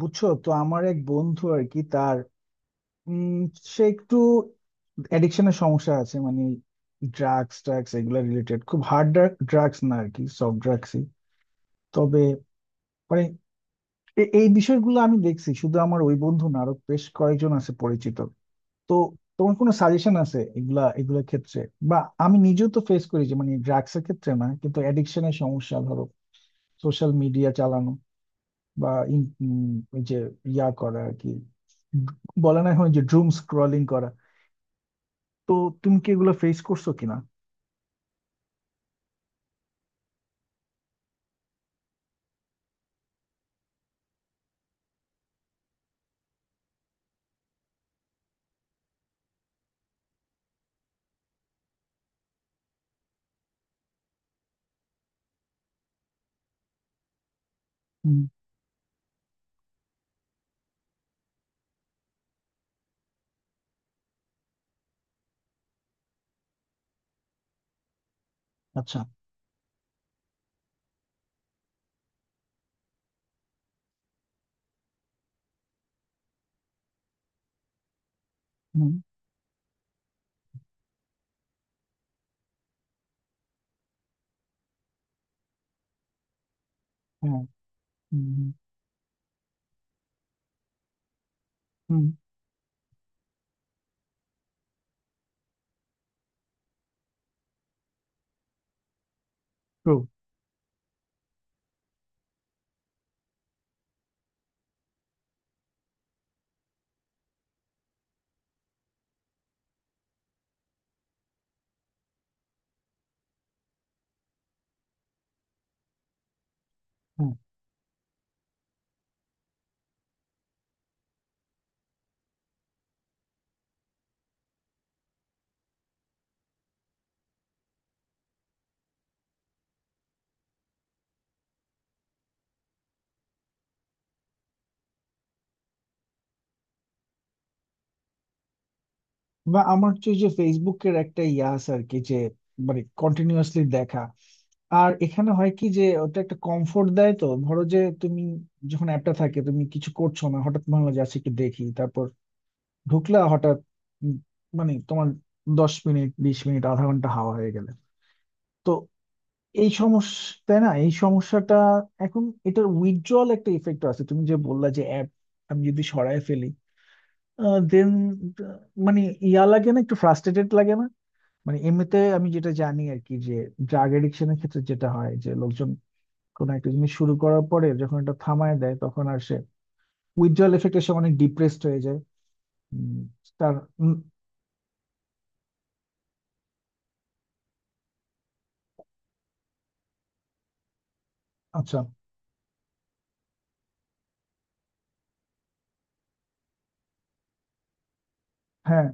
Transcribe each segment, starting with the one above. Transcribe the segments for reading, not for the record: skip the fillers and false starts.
বুঝছো তো আমার এক বন্ধু আর কি তার উম সে একটু অ্যাডিকশনের সমস্যা আছে মানে ড্রাগস ট্রাগস এগুলা রিলেটেড, খুব হার্ড ড্রাগস না আর কি, সফট ড্রাগসই। তবে মানে এই বিষয়গুলো আমি দেখছি শুধু আমার ওই বন্ধু না, আরো বেশ কয়েকজন আছে পরিচিত। তো তোমার কোনো সাজেশন আছে এগুলোর ক্ষেত্রে? বা আমি নিজেও তো ফেস করি যে, মানে ড্রাগসের ক্ষেত্রে না কিন্তু অ্যাডিকশনের সমস্যা, ধরো সোশ্যাল মিডিয়া চালানো বা ইন উম ওই যে ইয়া করা আর কি, বলে না হয় যে ড্রুম স্ক্রলিং করা। তো তুমি কি এগুলো ফেস করছো কিনা? হুম, আচ্ছা, হুম, হ্যাঁ, হুম, হুম, ট্রু, হ্যাঁ। বা আমার হচ্ছে যে ফেসবুকের একটা ইয়া আছে আর কি, যে মানে কন্টিনিউয়াসলি দেখা। আর এখানে হয় কি যে ওটা একটা কমফোর্ট দেয়, তো ধরো যে তুমি, যখন অ্যাপটা থাকে, তুমি কিছু করছো না, হঠাৎ মনে হলো যে আচ্ছা একটু দেখি, তারপর ঢুকলা হঠাৎ, উম, মানে তোমার 10 মিনিট, 20 মিনিট, আধা ঘন্টা হাওয়া হয়ে গেলে। তো এই সমস্যা তাই না, এই সমস্যাটা। এখন এটার উইথড্রল একটা ইফেক্ট আছে, তুমি যে বললা যে অ্যাপ আমি যদি সরায় ফেলি, দেন মানে ইয়া লাগে না, একটু ফ্রাস্ট্রেটেড লাগে না? মানে এমনিতে আমি যেটা জানি আর কি, যে ড্রাগ এডিকশনের ক্ষেত্রে যেটা হয়, যে লোকজন কোনো একটা জিনিস শুরু করার পরে যখন এটা থামায় দেয়, তখন আর সে উইথড্রল এফেক্টে সে অনেক ডিপ্রেসড হয়ে যায়। উম, তার, উম, আচ্ছা, হ্যাঁ।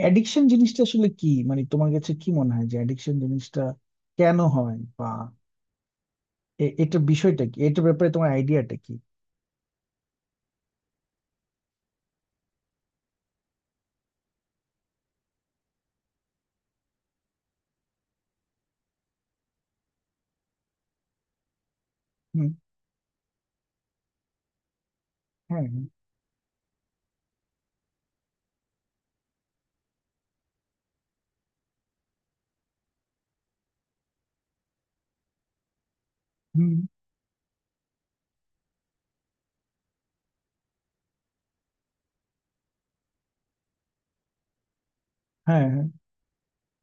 অ্যাডিকশন জিনিসটা আসলে কি, মানে তোমার কাছে কি মনে হয় যে অ্যাডিকশন জিনিসটা কেন হয়? এটার বিষয়টা কি, এটার ব্যাপারে তোমার আইডিয়াটা কি? হুম, হ্যাঁ, হুম, হ্যাঁ, হ্যাঁ,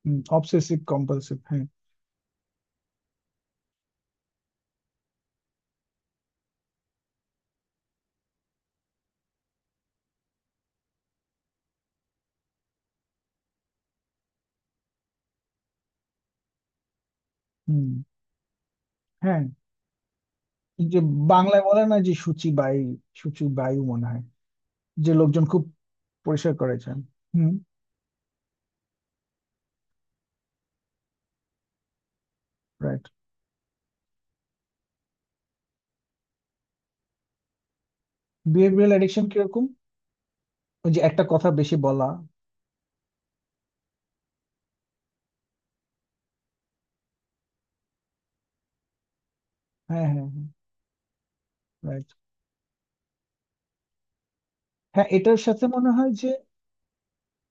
হুম, অবসেসিভ কম্পালসিভ, হ্যাঁ, হুম, হ্যাঁ। এই যে বাংলায় বলে না যে শুচিবায়ু, শুচিবায়ু মনে হয়, যে লোকজন খুব পরিষ্কার করেছেন। হুম, রাইট। বিহেভিয়ারাল অ্যাডিকশন কিরকম? ওই যে একটা কথা বেশি বলা। হ্যাঁ, হ্যাঁ, রাইট। হ্যাঁ এটার সাথে মনে হয় যে,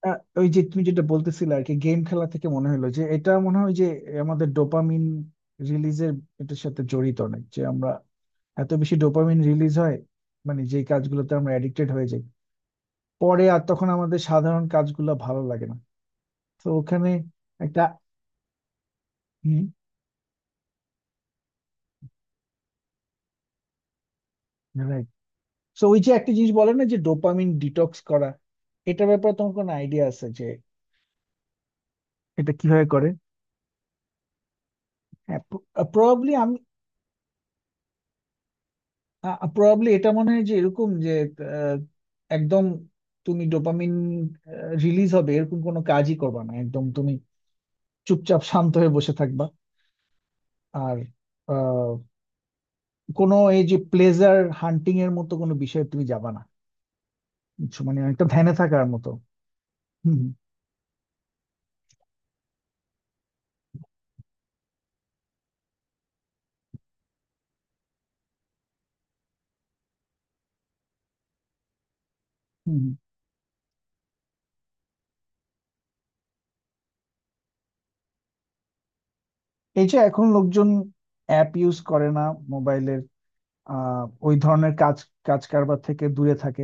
ওই যে তুমি যেটা বলতেছিলে আর কি, গেম খেলা থেকে মনে হলো যে, এটা মনে হয় যে আমাদের ডোপামিন রিলিজের, এটার সাথে জড়িত অনেক, যে আমরা এত বেশি ডোপামিন রিলিজ হয় মানে যেই কাজগুলোতে আমরা অ্যাডিক্টেড হয়ে যাই, পরে আর তখন আমাদের সাধারণ কাজগুলো ভালো লাগে না। তো ওখানে একটা, হুম, রাইট। তো ওই যে একটা জিনিস বলে না যে ডোপামিন ডিটক্স করা, এটার ব্যাপারে তোমার কোনো আইডিয়া আছে যে এটা কিভাবে করে? হ্যাঁ, প্রবাবলি আমি প্রবাবলি এটা মনে হয় যে এরকম যে, আহ, একদম তুমি ডোপামিন রিলিজ হবে এরকম কোনো কাজই করবা না, একদম তুমি চুপচাপ শান্ত হয়ে বসে থাকবা। আর কোনো এই যে প্লেজার হান্টিং এর মতো কোনো বিষয়ে তুমি যাবা না। বুঝছো? মানে একটা ধ্যানে থাকার মতো। হুম, হুম, হুম। এই যে এখন লোকজন অ্যাপ ইউজ করে না, মোবাইলের, আহ ওই ধরনের কাজ, কাজ কারবার থেকে দূরে থাকে।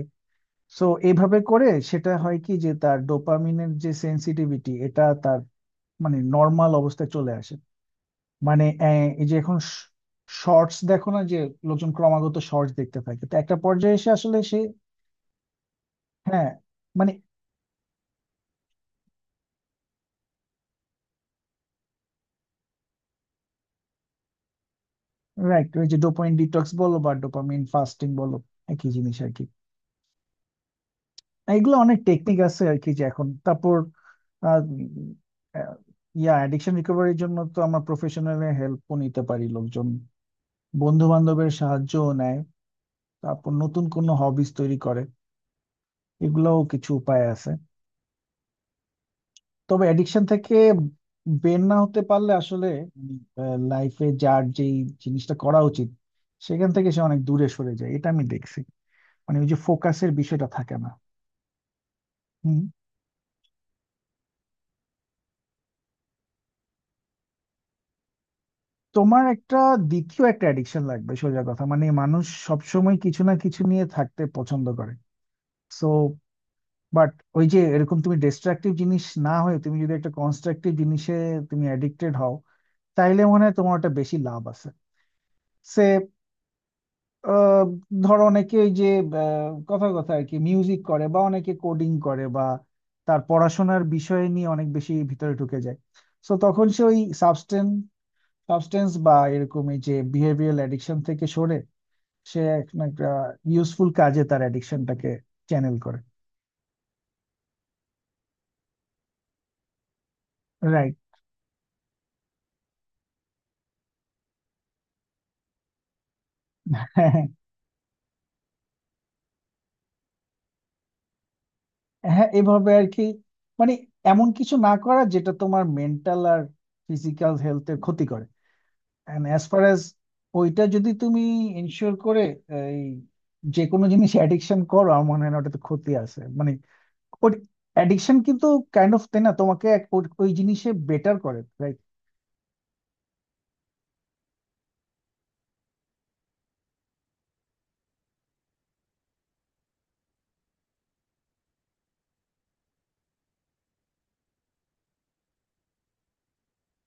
সো এইভাবে করে সেটা হয় কি যে তার ডোপামিনের যে সেন্সিটিভিটি এটা তার মানে নর্মাল অবস্থায় চলে আসে। মানে এই যে এখন শর্টস দেখো না, যে লোকজন ক্রমাগত শর্টস দেখতে থাকে, তো একটা পর্যায়ে এসে আসলে সে, হ্যাঁ, মানে, রাইট। ওই যে ডোপামিন ডিটক্স বলো বা ডোপামিন ফাস্টিং বলো, একই জিনিস আর কি। এগুলো অনেক টেকনিক আছে আর কি যে এখন, তারপর আহ, উম, আহ, ইয়া অ্যাডিকশন রিকভারির জন্য তো আমরা প্রফেশনাল হেল্প নিতে পারি, লোকজন বন্ধু বান্ধবের সাহায্যও নেয়, তারপর নতুন কোনো হবিস তৈরি করে, এগুলোও কিছু উপায় আছে। তবে অ্যাডিকশন থেকে বের না হতে পারলে আসলে লাইফে যার যেই জিনিসটা করা উচিত সেখান থেকে সে অনেক দূরে সরে যায়, এটা আমি দেখছি। মানে ওই যে ফোকাসের বিষয়টা থাকে না। হুম, তোমার একটা, দ্বিতীয় একটা অ্যাডিকশন লাগবে সোজা কথা, মানে মানুষ সবসময় কিছু না কিছু নিয়ে থাকতে পছন্দ করে। সো বাট ওই যে এরকম তুমি ডিস্ট্রাকটিভ জিনিস না হয়ে তুমি যদি একটা কনস্ট্রাকটিভ জিনিসে তুমি অ্যাডিক্টেড হও, তাইলে মনে হয় তোমার ওটা বেশি লাভ আছে। সে আহ, ধরো অনেকে ওই যে কথার কথা আর কি, মিউজিক করে বা অনেকে কোডিং করে বা তার পড়াশোনার বিষয় নিয়ে অনেক বেশি ভিতরে ঢুকে যায়। সো তখন সে ওই সাবস্টেন্স সাবস্টেন্স বা এরকম এই যে বিহেভিয়ারাল অ্যাডিকশন থেকে সরে সে এখন একটা ইউজফুল কাজে তার অ্যাডিকশনটাকে চ্যানেল করে। রাইট, হ্যাঁ, হ্যাঁ, এভাবে আর কি। মানে এমন কিছু না করা যেটা তোমার মেন্টাল আর ফিজিক্যাল হেলথের ক্ষতি করে। অ্যান্ড অ্যাজ ফার অ্যাজ ওইটা যদি তুমি ইনশিওর করে, এই যে কোনো জিনিস অ্যাডিকশন করো আমার মনে হয় না ওটাতে ক্ষতি আছে, মানে ওর অ্যাডিকশন কিন্তু কাইন্ড অফ তাই না, তোমাকে ওই ওই জিনিসে বেটার করে, রাইট?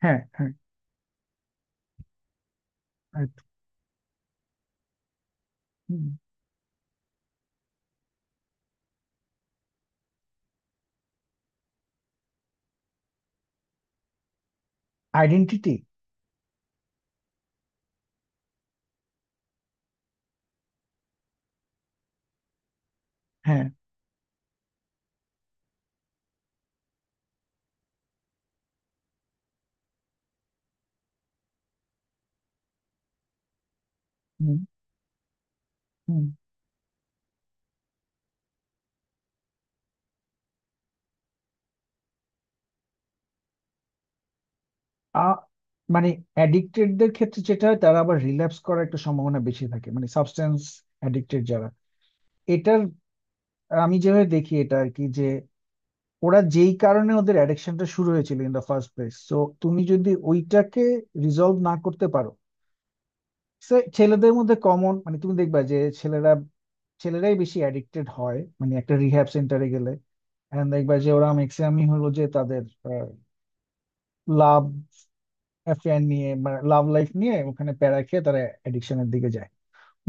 হ্যাঁ, হ্যাঁ, right. আইডেন্টিটি? হ্যাঁ, হুম, হুম। আ, মানে অ্যাডিক্টেডদের ক্ষেত্রে যেটা হয়, তারা আবার রিল্যাপস করার একটা সম্ভাবনা বেশি থাকে, মানে সাবস্টেন্স অ্যাডিক্টেড যারা। এটার, আমি যেভাবে দেখি এটা আর কি যে ওরা যেই কারণে ওদের অ্যাডিকশনটা শুরু হয়েছিল in the first place, so তুমি যদি ওইটাকে রিজলভ না করতে পারো, সে ছেলেদের মধ্যে কমন, মানে তুমি দেখবা যে ছেলেরাই বেশি অ্যাডিক্টেড হয়, মানে একটা রিহ্যাব সেন্টারে গেলে এন্ড দেখবা যে ওরা ম্যাক্সিমামই হলো যে তাদের লাভ অ্যাফেয়ার নিয়ে বা লাভ লাইফ নিয়ে ওখানে প্যারা খেয়ে তারা অ্যাডিকশনের দিকে যায়,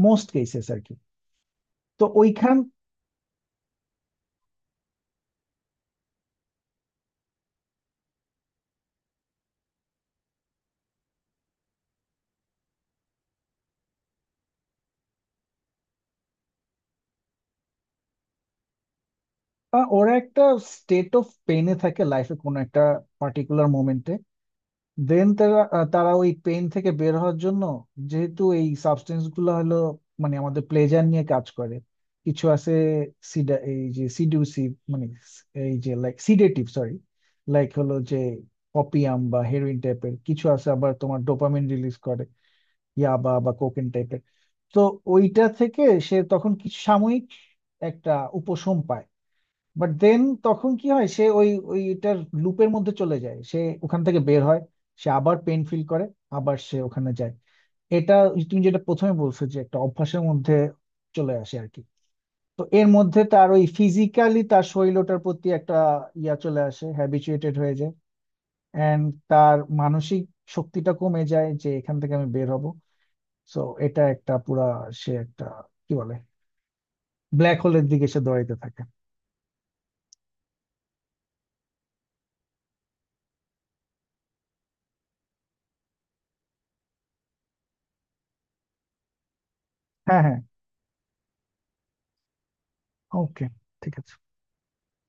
মোস্ট কেসেস আর কি। তো ওইখান, ওরা একটা স্টেট অফ পেইনে থাকে লাইফে কোনো একটা পার্টিকুলার মোমেন্টে, দেন তারা তারা ওই পেইন থেকে বের হওয়ার জন্য, যেহেতু এই সাবস্টেন্স গুলো হলো মানে আমাদের প্লেজার নিয়ে কাজ করে, কিছু আছে এই যে সিডিউসিভ, মানে এই যে লাইক সিডেটিভ, সরি, লাইক, হলো যে অপিয়াম বা হেরোইন টাইপের, কিছু আছে আবার তোমার ডোপামিন রিলিজ করে, ইয়াবা বা কোকেন টাইপের। তো ওইটা থেকে সে তখন কিছু সাময়িক একটা উপশম পায়। বাট দেন তখন কি হয়, সে ওই ওইটার লুপের মধ্যে চলে যায়, সে ওখান থেকে বের হয়, সে আবার পেন ফিল করে, আবার সে ওখানে যায়। এটা তুমি যেটা প্রথমে বলছো যে একটা অভ্যাসের মধ্যে চলে আসে আর কি। তো এর মধ্যে তার ওই ফিজিক্যালি তার শরীর ওটার প্রতি একটা ইয়া চলে আসে, হ্যাবিচুয়েটেড হয়ে যায়। এন্ড তার মানসিক শক্তিটা কমে যায় যে এখান থেকে আমি বের হব। সো এটা একটা পুরা, সে একটা কি বলে, ব্ল্যাক হোলের দিকে সে দৌড়াইতে থাকে। হ্যাঁ, হ্যাঁ, ওকে, ঠিক আছে।